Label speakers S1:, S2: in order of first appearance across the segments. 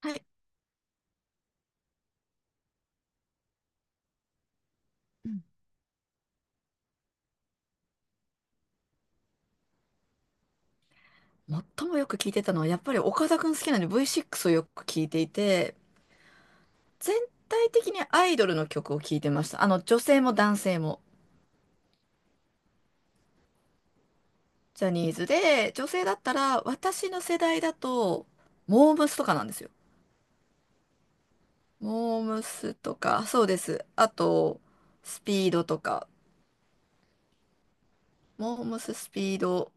S1: はい。うん。最もよく聞いてたのは、やっぱり岡田くん好きなんで V6 をよく聞いていて、全体的にアイドルの曲を聞いてました。女性も男性も。ジャニーズで、女性だったら、私の世代だと、モームスとかなんですよ。モームスとか、そうです。あと、スピードとか、モームス、スピード。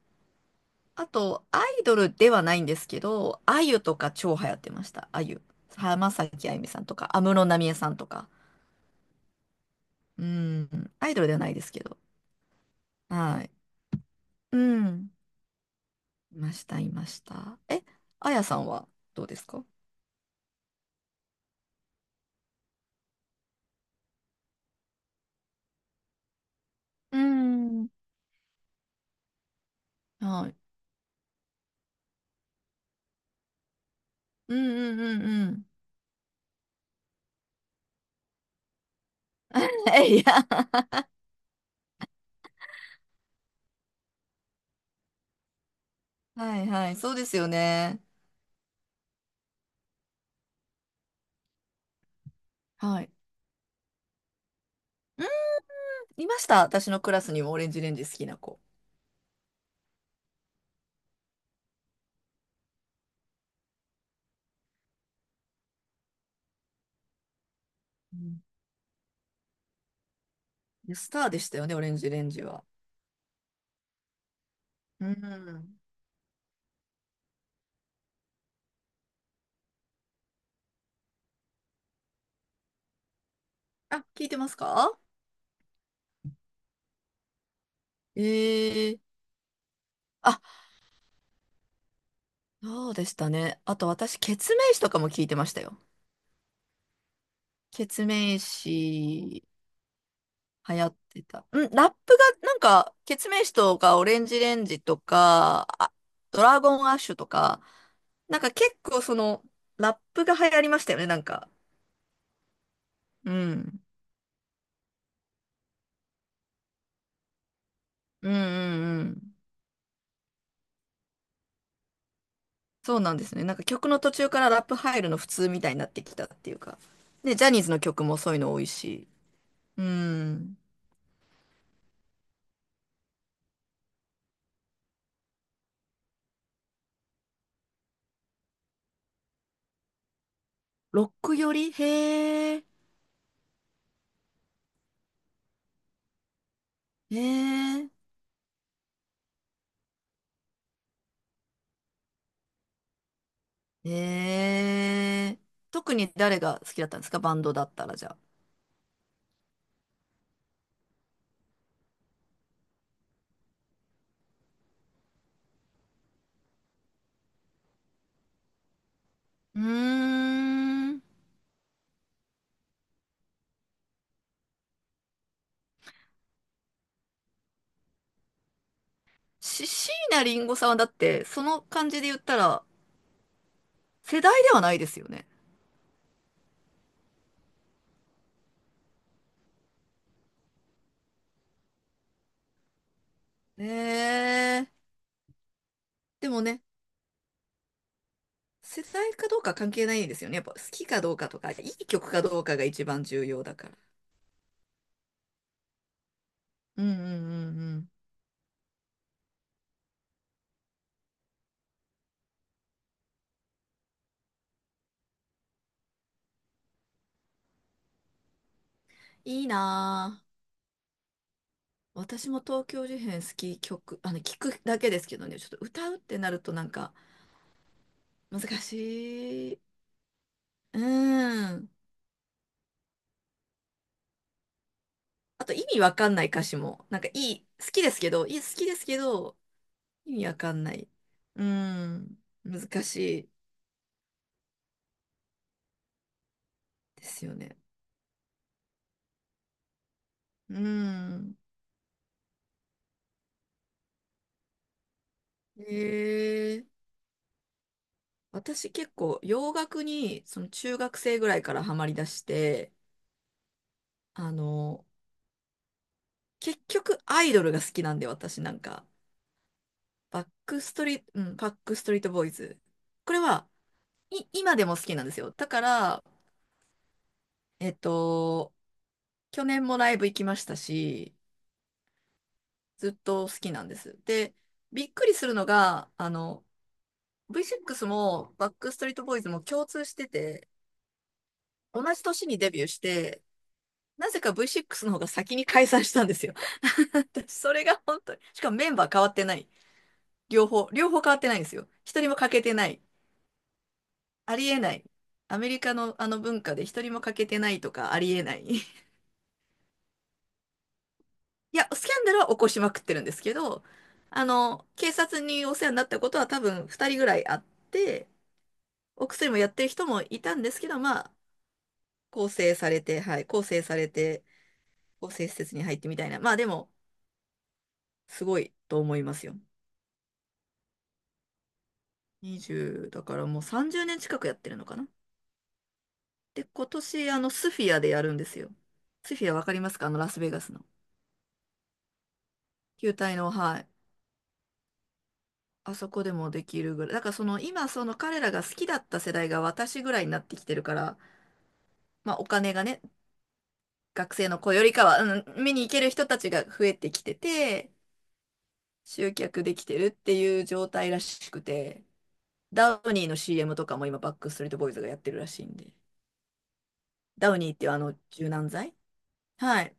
S1: あと、アイドルではないんですけど、あゆとか超流行ってました。あゆ。浜崎あゆみさんとか、安室奈美恵さんとか。うん。アイドルではないですけど。はい。うん。いました、いました。え、あやさんはどうですか？うん。はい。うんうんうんうん。え、いや。はいはい。そうですよね。はい。うん。いました。私のクラスにもオレンジレンジ好きな子。うん。いや、スターでしたよね、オレンジレンジは。うん。あ、聞いてますか？ええ。あ、そうでしたね。あと私、ケツメイシとかも聞いてましたよ。ケツメイシ流行ってた。うん、ラップが、なんか、ケツメイシとか、オレンジレンジとか、あ、ドラゴンアッシュとか、なんか結構ラップが流行りましたよね、なんか。うん。うんうんうん。そうなんですね。なんか曲の途中からラップ入るの普通みたいになってきたっていうか。ね、ジャニーズの曲もそういうの多いし。うん。ロックよりへえ、へえ、へえ。特に誰が好きだったんですか？バンドだったらじゃあ。うーん。椎名林檎さんはだって、その感じで言ったら、世代ではないですよね。ねえ。でもね、世代かどうか関係ないんですよね。やっぱ好きかどうかとか、いい曲かどうかが一番重要だから。うんうんうんうん。いいなあ。私も東京事変好き曲、聞くだけですけどね、ちょっと歌うってなるとなんか難しい。うん。あと意味わかんない歌詞も、なんかいい、好きですけど、いい、好きですけど、意味わかんない。うん。難しいですよね。うん。えー、私結構洋楽にその中学生ぐらいからハマりだして、あの、結局アイドルが好きなんで私なんか、バックストリート、うん、バックストリートボーイズ。これは、今でも好きなんですよ。だから、えっと、去年もライブ行きましたし、ずっと好きなんです。で、びっくりするのが、V6 もバックストリートボーイズも共通してて、同じ年にデビューして、なぜか V6 の方が先に解散したんですよ。私、それが本当に。しかもメンバー変わってない。両方、両方変わってないんですよ。一人も欠けてない。ありえない。アメリカのあの文化で一人も欠けてないとかありえない。いや、スキャンダルは起こしまくってるんですけど、警察にお世話になったことは多分二人ぐらいあって、お薬もやってる人もいたんですけど、まあ、構成されて、はい、構成されて、こう施設に入ってみたいな。まあでも、すごいと思いますよ。20、だからもう30年近くやってるのかな。で、今年、スフィアでやるんですよ。スフィア、わかりますか？あの、ラスベガスの。球体の、はい。あそこでもできるぐらい。だから今、その彼らが好きだった世代が私ぐらいになってきてるから、まあお金がね、学生の子よりかは、うん、見に行ける人たちが増えてきてて、集客できてるっていう状態らしくて、ダウニーの CM とかも今、バックストリートボーイズがやってるらしいんで。ダウニーっていうあの柔軟剤。はい。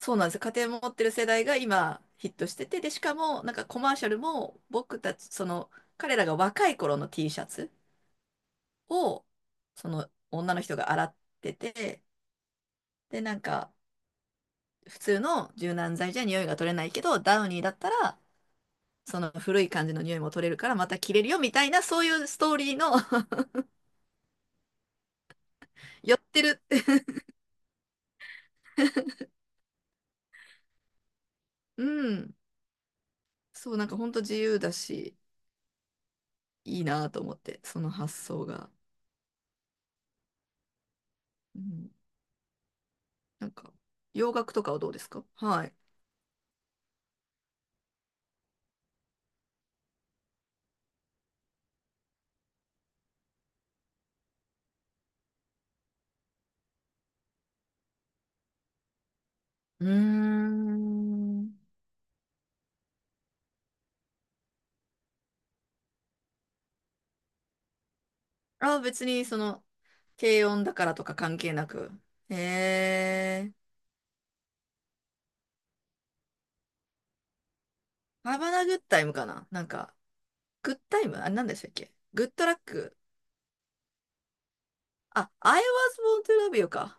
S1: そうなんです。家庭持ってる世代が今ヒットしてて、で、しかもなんかコマーシャルも僕たち、その彼らが若い頃の T シャツをその女の人が洗ってて、で、なんか普通の柔軟剤じゃ匂いが取れないけど、ダウニーだったらその古い感じの匂いも取れるからまた着れるよみたいな、そういうストーリーの 寄ってるって。うん。そう、なんかほんと自由だし、いいなと思って、その発想が。うん。なんか、洋楽とかはどうですか？はい。うーん。あ、別に軽音だからとか関係なく。へえ。ハバナグッタイムかな、なんか、グッタイム、あれなんでしたっけ、グッドラック。あ、I was born to love you か。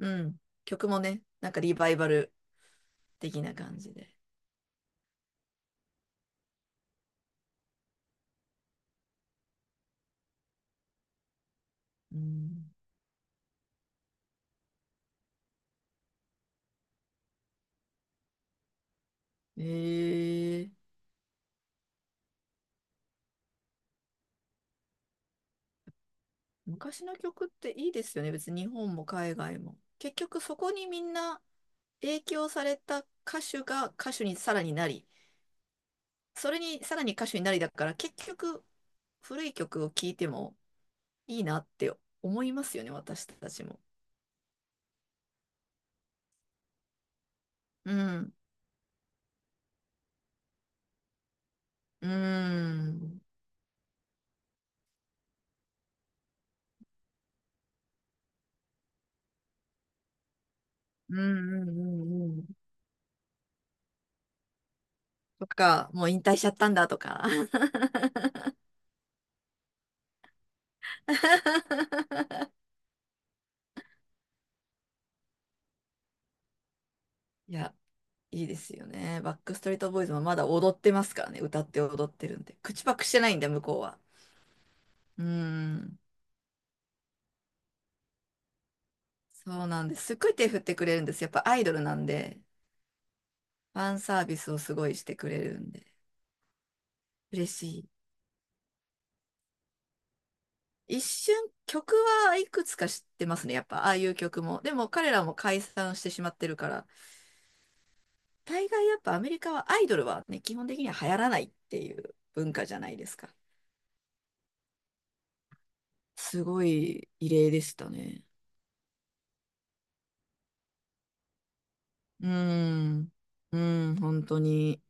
S1: うん。曲もね、なんかリバイバル的な感じで。うん。へえ。昔の曲っていいですよね。別に日本も海外も。結局そこにみんな影響された歌手が歌手にさらになり、それにさらに歌手になりだから、結局、古い曲を聴いてもいいなって思いますよね、私たちも。うん。うん。うんうんうんうん。とか、もう引退しちゃったんだとか。いや、いいですよね。バックストリートボーイズもまだ踊ってますからね。歌って踊ってるんで。口パクしてないんで、向こうは。うん。そうなんです。すっごい手振ってくれるんです。やっぱアイドルなんで。ファンサービスをすごいしてくれるんで、嬉しい。一瞬、曲はいくつか知ってますね、やっぱ、ああいう曲も。でも彼らも解散してしまってるから、大概やっぱアメリカはアイドルはね、基本的には流行らないっていう文化じゃないですか。すごい異例でしたね。うーん、うん、本当に。